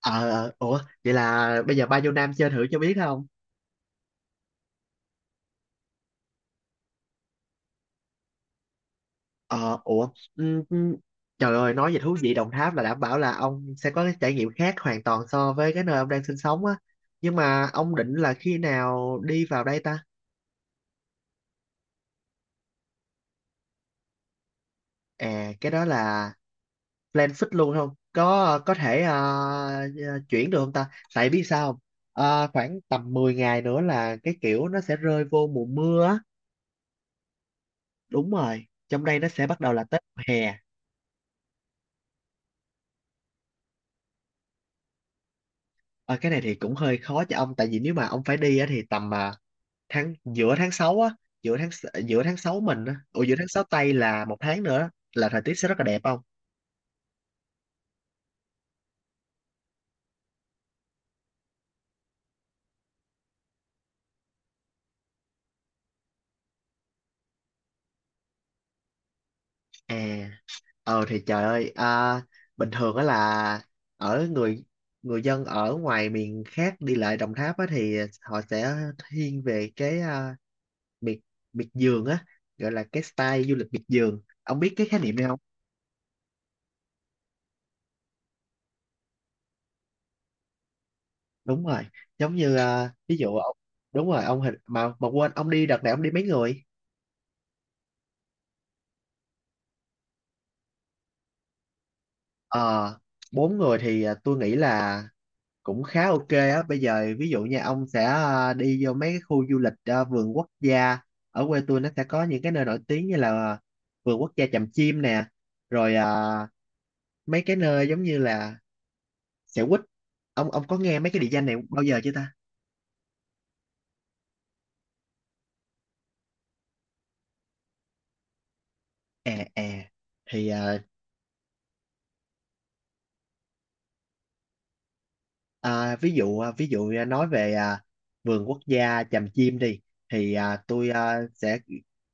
Ờ, ờ, ủa, vậy là bây giờ ba nhiêu nam chơi thử cho biết không? Ờ, ủa, ừm, ừm, trời ơi, nói về thú vị Đồng Tháp là đảm bảo là ông sẽ có cái trải nghiệm khác hoàn toàn so với cái nơi ông đang sinh sống á. Nhưng mà ông định là khi nào đi vào đây ta? À, cái đó là plan fix luôn không? Có thể chuyển được không ta? Tại biết sao không? Khoảng tầm 10 ngày nữa là cái kiểu nó sẽ rơi vô mùa mưa á. Đúng rồi, trong đây nó sẽ bắt đầu là Tết hè. Ờ, cái này thì cũng hơi khó cho ông tại vì nếu mà ông phải đi á, thì tầm tháng giữa tháng 6 mình á, ủa, giữa tháng 6 Tây là một tháng nữa á, là thời tiết sẽ rất là đẹp không. À ờ thì Trời ơi, bình thường á là ở người người dân ở ngoài miền khác đi lại Đồng Tháp á thì họ sẽ thiên về cái miệt miệt vườn á, gọi là cái style du lịch miệt vườn. Ông biết cái khái niệm này không? Đúng rồi, giống như ví dụ ông, đúng rồi, ông hình mà quên, ông đi đợt này ông đi mấy người? Ờ, bốn người thì tôi nghĩ là cũng khá ok á. Bây giờ ví dụ nha, ông sẽ đi vô mấy cái khu du lịch, vườn quốc gia. Ở quê tôi nó sẽ có những cái nơi nổi tiếng như là vườn quốc gia Tràm Chim nè, rồi mấy cái nơi giống như là Xẻo Quýt. Ông có nghe mấy cái địa danh này bao giờ chưa ta? à à thì à, À, ví dụ ví dụ nói về vườn quốc gia Tràm Chim đi, thì tôi sẽ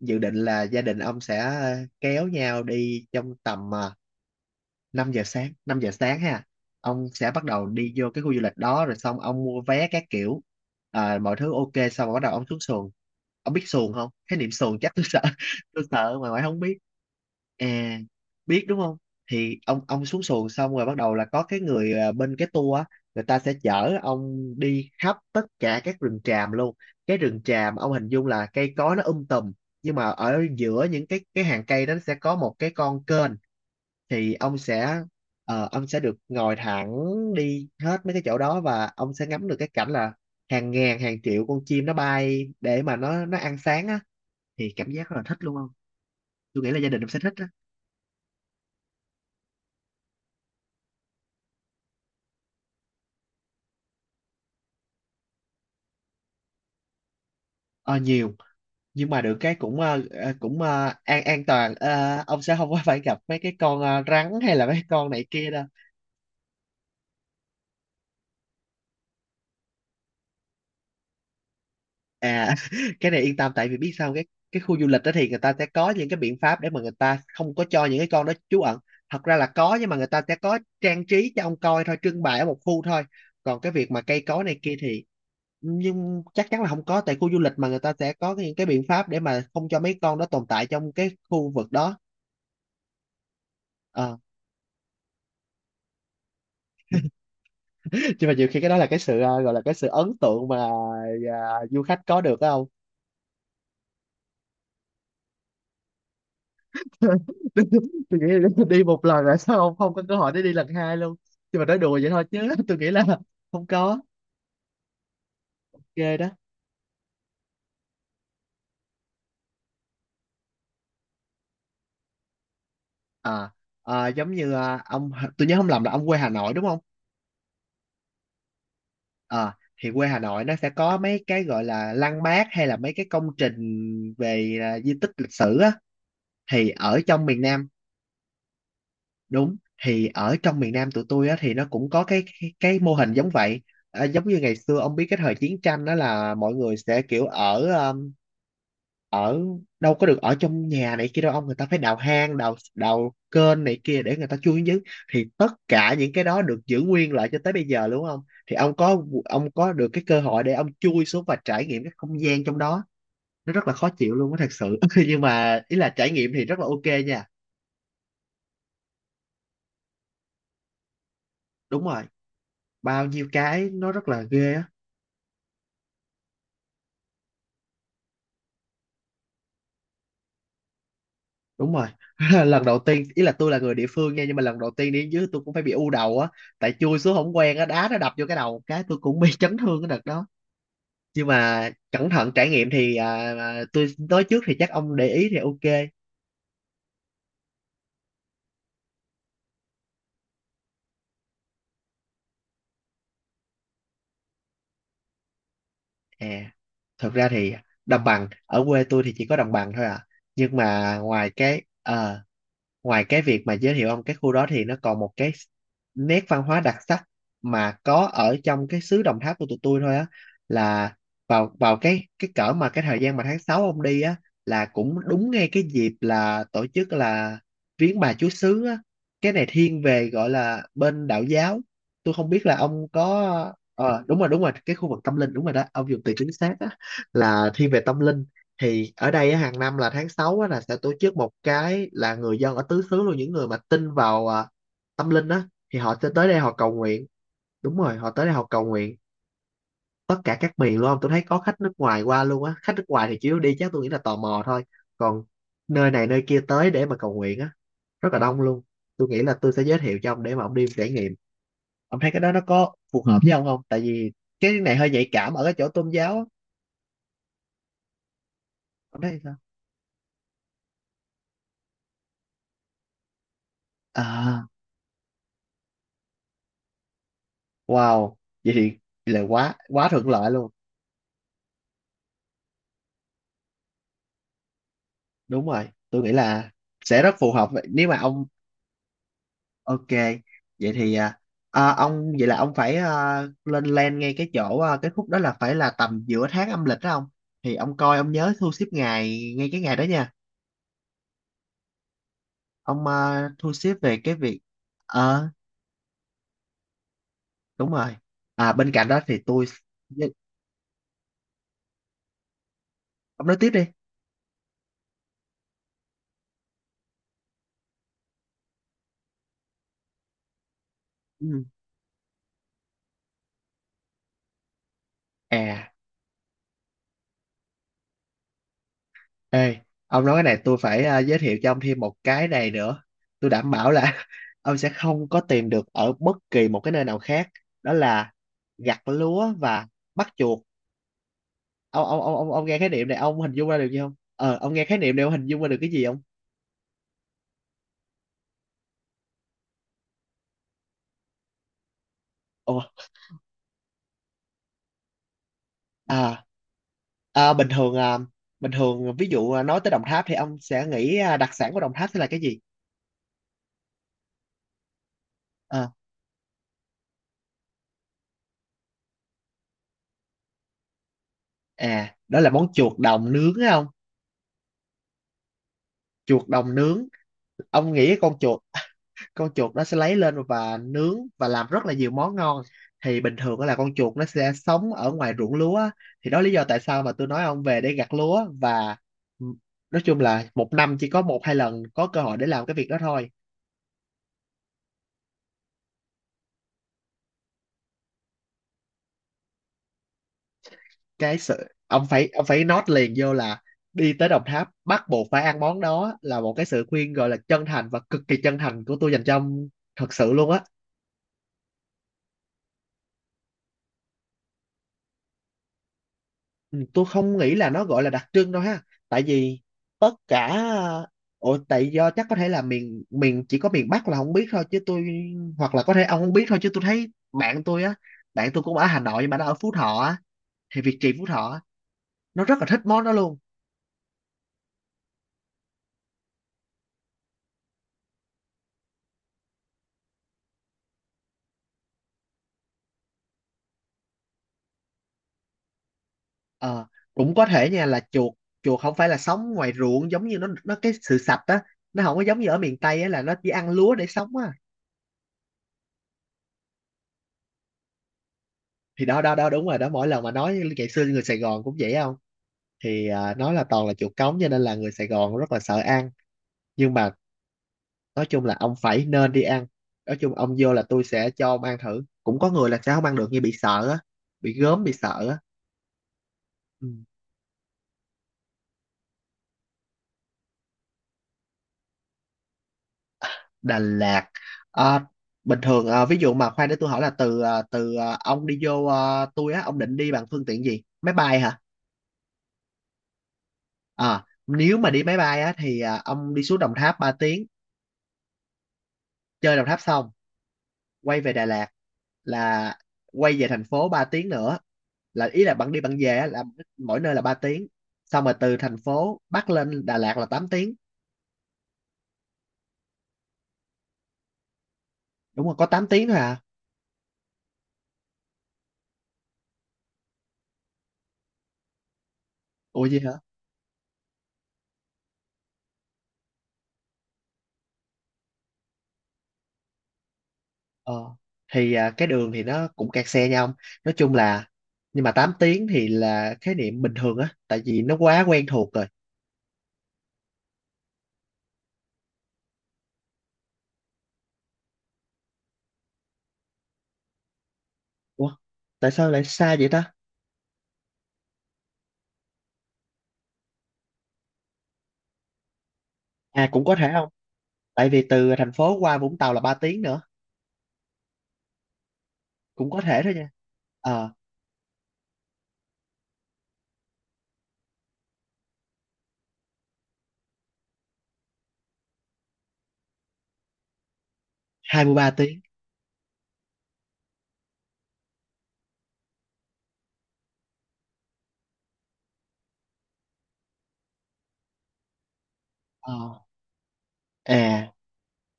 dự định là gia đình ông sẽ kéo nhau đi trong tầm 5 giờ sáng ha, ông sẽ bắt đầu đi vô cái khu du lịch đó, rồi xong ông mua vé các kiểu, mọi thứ ok, xong rồi bắt đầu ông xuống xuồng. Ông biết xuồng không? Cái niệm xuồng chắc tôi sợ tôi sợ mà ngoại không biết. à Biết đúng không? Thì ông xuống xuồng xong rồi bắt đầu là có cái người bên cái tour á, người ta sẽ chở ông đi khắp tất cả các rừng tràm luôn. Cái rừng tràm ông hình dung là cây cối nó tùm, nhưng mà ở giữa những cái hàng cây đó nó sẽ có một cái con kênh, thì ông sẽ, ông sẽ được ngồi thẳng đi hết mấy cái chỗ đó, và ông sẽ ngắm được cái cảnh là hàng ngàn hàng triệu con chim nó bay để mà nó ăn sáng á, thì cảm giác rất là thích luôn không. Tôi nghĩ là gia đình ông sẽ thích á. Ờ, nhiều, nhưng mà được cái cũng cũng an toàn. Ờ, ông sẽ không có phải gặp mấy cái con rắn hay là mấy con này kia đâu. À, cái này yên tâm tại vì biết sao, cái khu du lịch đó thì người ta sẽ có những cái biện pháp để mà người ta không có cho những cái con đó trú ẩn. Thật ra là có, nhưng mà người ta sẽ có trang trí cho ông coi thôi, trưng bày ở một khu thôi. Còn cái việc mà cây cối này kia thì, nhưng chắc chắn là không có, tại khu du lịch mà người ta sẽ có những cái biện pháp để mà không cho mấy con đó tồn tại trong cái khu vực đó. Ờ. Nhưng mà nhiều khi cái đó là cái sự gọi là cái sự ấn tượng mà du khách có được phải không? tôi tôi nghĩ là đi một lần rồi sao không, không có cơ hội để đi lần hai luôn, nhưng mà nói đùa vậy thôi chứ tôi nghĩ là không có ghê đó. à, Giống như ông, tôi nhớ không lầm là ông quê Hà Nội đúng không? à, thì quê Hà Nội nó sẽ có mấy cái gọi là lăng bác hay là mấy cái công trình về di tích lịch sử á, thì ở trong miền Nam, đúng, thì ở trong miền Nam tụi tôi á thì nó cũng có cái cái mô hình giống vậy. À, giống như ngày xưa ông biết cái thời chiến tranh đó là mọi người sẽ kiểu ở à, ở đâu có được ở trong nhà này kia đâu ông, người ta phải đào hang đào đào kênh này kia để người ta chui xuống dưới, thì tất cả những cái đó được giữ nguyên lại cho tới bây giờ đúng không. Thì ông có, ông có được cái cơ hội để ông chui xuống và trải nghiệm cái không gian trong đó, nó rất là khó chịu luôn á thật sự, nhưng mà ý là trải nghiệm thì rất là ok nha. Đúng rồi, bao nhiêu cái nó rất là ghê á. Đúng rồi, lần đầu tiên ý là tôi là người địa phương nha, nhưng mà lần đầu tiên đi đến dưới tôi cũng phải bị u đầu á, tại chui xuống không quen á, đá nó đập vô cái đầu một cái tôi cũng bị chấn thương cái đợt đó. Nhưng mà cẩn thận trải nghiệm thì tôi nói trước thì chắc ông để ý thì ok. à Thật ra thì đồng bằng ở quê tôi thì chỉ có đồng bằng thôi à, nhưng mà ngoài cái việc mà giới thiệu ông cái khu đó thì nó còn một cái nét văn hóa đặc sắc mà có ở trong cái xứ Đồng Tháp của tụi tôi thôi á, là vào vào cái cỡ mà cái thời gian mà tháng 6 ông đi á là cũng đúng ngay cái dịp là tổ chức là viếng bà Chúa Xứ á. Cái này thiên về gọi là bên đạo giáo, tôi không biết là ông có, ờ, đúng rồi, đúng rồi, cái khu vực tâm linh, đúng rồi đó, ông dùng từ chính xác á, là thiên về tâm linh. Thì ở đây á, hàng năm là tháng 6 á, là sẽ tổ chức một cái là người dân ở tứ xứ luôn, những người mà tin vào tâm linh á, thì họ sẽ tới đây họ cầu nguyện. Đúng rồi, họ tới đây họ cầu nguyện, tất cả các miền luôn, tôi thấy có khách nước ngoài qua luôn á. Khách nước ngoài thì chủ yếu đi chắc tôi nghĩ là tò mò thôi, còn nơi này nơi kia tới để mà cầu nguyện á, rất là đông luôn. Tôi nghĩ là tôi sẽ giới thiệu cho ông để mà ông đi trải nghiệm, ông thấy cái đó nó có phù hợp với ông không, tại vì cái này hơi nhạy cảm ở cái chỗ tôn giáo á. Ông thấy sao? À, wow, vậy thì là quá quá thuận lợi luôn. Đúng rồi, tôi nghĩ là sẽ rất phù hợp. Vậy nếu mà ông ok. Vậy thì ông, vậy là ông phải lên plan ngay cái chỗ cái khúc đó là phải là tầm giữa tháng âm lịch đó ông. Thì ông coi ông nhớ thu xếp ngày ngay cái ngày đó nha. Ông thu xếp về cái việc, ờ đúng rồi. À bên cạnh đó thì tôi, ông nói tiếp đi. Ừ. À. Ê, ông nói cái này tôi phải giới thiệu cho ông thêm một cái này nữa. Tôi đảm bảo là ông sẽ không có tìm được ở bất kỳ một cái nơi nào khác. Đó là gặt lúa và bắt chuột. Ông nghe khái niệm này ông hình dung ra được gì không? Ờ, ông nghe khái niệm này ông hình dung ra được cái gì không? Ồ, à, bình thường bình thường, ví dụ nói tới Đồng Tháp thì ông sẽ nghĩ đặc sản của Đồng Tháp sẽ là cái gì? Ờ, đó là món chuột đồng nướng không? Chuột đồng nướng. Ông nghĩ cái con chuột nó sẽ lấy lên và nướng và làm rất là nhiều món ngon. Thì bình thường á là con chuột nó sẽ sống ở ngoài ruộng lúa á, thì đó là lý do tại sao mà tôi nói ông về để gặt lúa và, nói chung là một năm chỉ có một hai lần có cơ hội để làm cái việc đó thôi. Cái sự ông phải note liền vô là đi tới Đồng Tháp bắt buộc phải ăn món đó, là một cái sự khuyên gọi là chân thành và cực kỳ chân thành của tôi dành cho ông, thật sự luôn á. Ừ, tôi không nghĩ là nó gọi là đặc trưng đâu ha, tại vì tất cả, ồ tại do chắc có thể là miền miền chỉ có miền Bắc là không biết thôi chứ tôi, hoặc là có thể ông không biết thôi, chứ tôi thấy bạn tôi á, bạn tôi cũng ở Hà Nội nhưng mà nó ở Phú Thọ á, thì Việt Trì Phú Thọ á, nó rất là thích món đó luôn. Ờ, cũng có thể nha, là chuột chuột không phải là sống ngoài ruộng, giống như nó cái sự sạch á, nó không có giống như ở miền Tây á là nó chỉ ăn lúa để sống á. Thì đó đó đó đúng rồi đó, mỗi lần mà nói ngày xưa người Sài Gòn cũng vậy không, thì nó là toàn là chuột cống cho nên là người Sài Gòn rất là sợ ăn, nhưng mà nói chung là ông phải nên đi ăn. Nói chung ông vô là tôi sẽ cho ông ăn thử, cũng có người là sẽ không ăn được như bị sợ á, bị gớm bị sợ á. Ừ. Đà Lạt, à, bình thường ví dụ mà khoan để tôi hỏi là ông đi vô tôi á, ông định đi bằng phương tiện gì, máy bay hả? À, nếu mà đi máy bay á thì ông đi xuống Đồng Tháp 3 tiếng, chơi Đồng Tháp xong quay về Đà Lạt là, quay về thành phố 3 tiếng nữa, là ý là bạn đi bạn về á, là mỗi nơi là 3 tiếng. Xong rồi từ thành phố Bắc lên Đà Lạt là tám tiếng. Đúng rồi, có 8 tiếng thôi à. Ủa, gì hả? ờ thì cái đường thì nó cũng kẹt xe nhau, nói chung là, nhưng mà 8 tiếng thì là khái niệm bình thường á, tại vì nó quá quen thuộc rồi. Ủa, tại sao lại xa vậy ta? À, cũng có thể không, tại vì từ thành phố qua Vũng Tàu là 3 tiếng nữa, cũng có thể thôi nha. Ờ, 23 tiếng. ờ à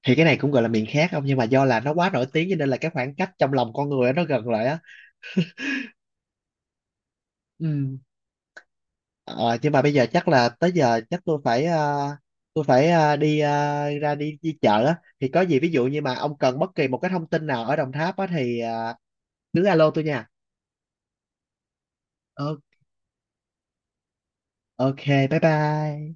thì cái này cũng gọi là miền khác không, nhưng mà do là nó quá nổi tiếng cho nên là cái khoảng cách trong lòng con người á, nó gần lại á. Ừ. Ờ, nhưng mà bây giờ chắc là tới giờ chắc tôi phải đi, đi chợ á. Thì có gì ví dụ như mà ông cần bất kỳ một cái thông tin nào ở Đồng Tháp á thì cứ alo tôi nha. Ờ, ok, bye bye.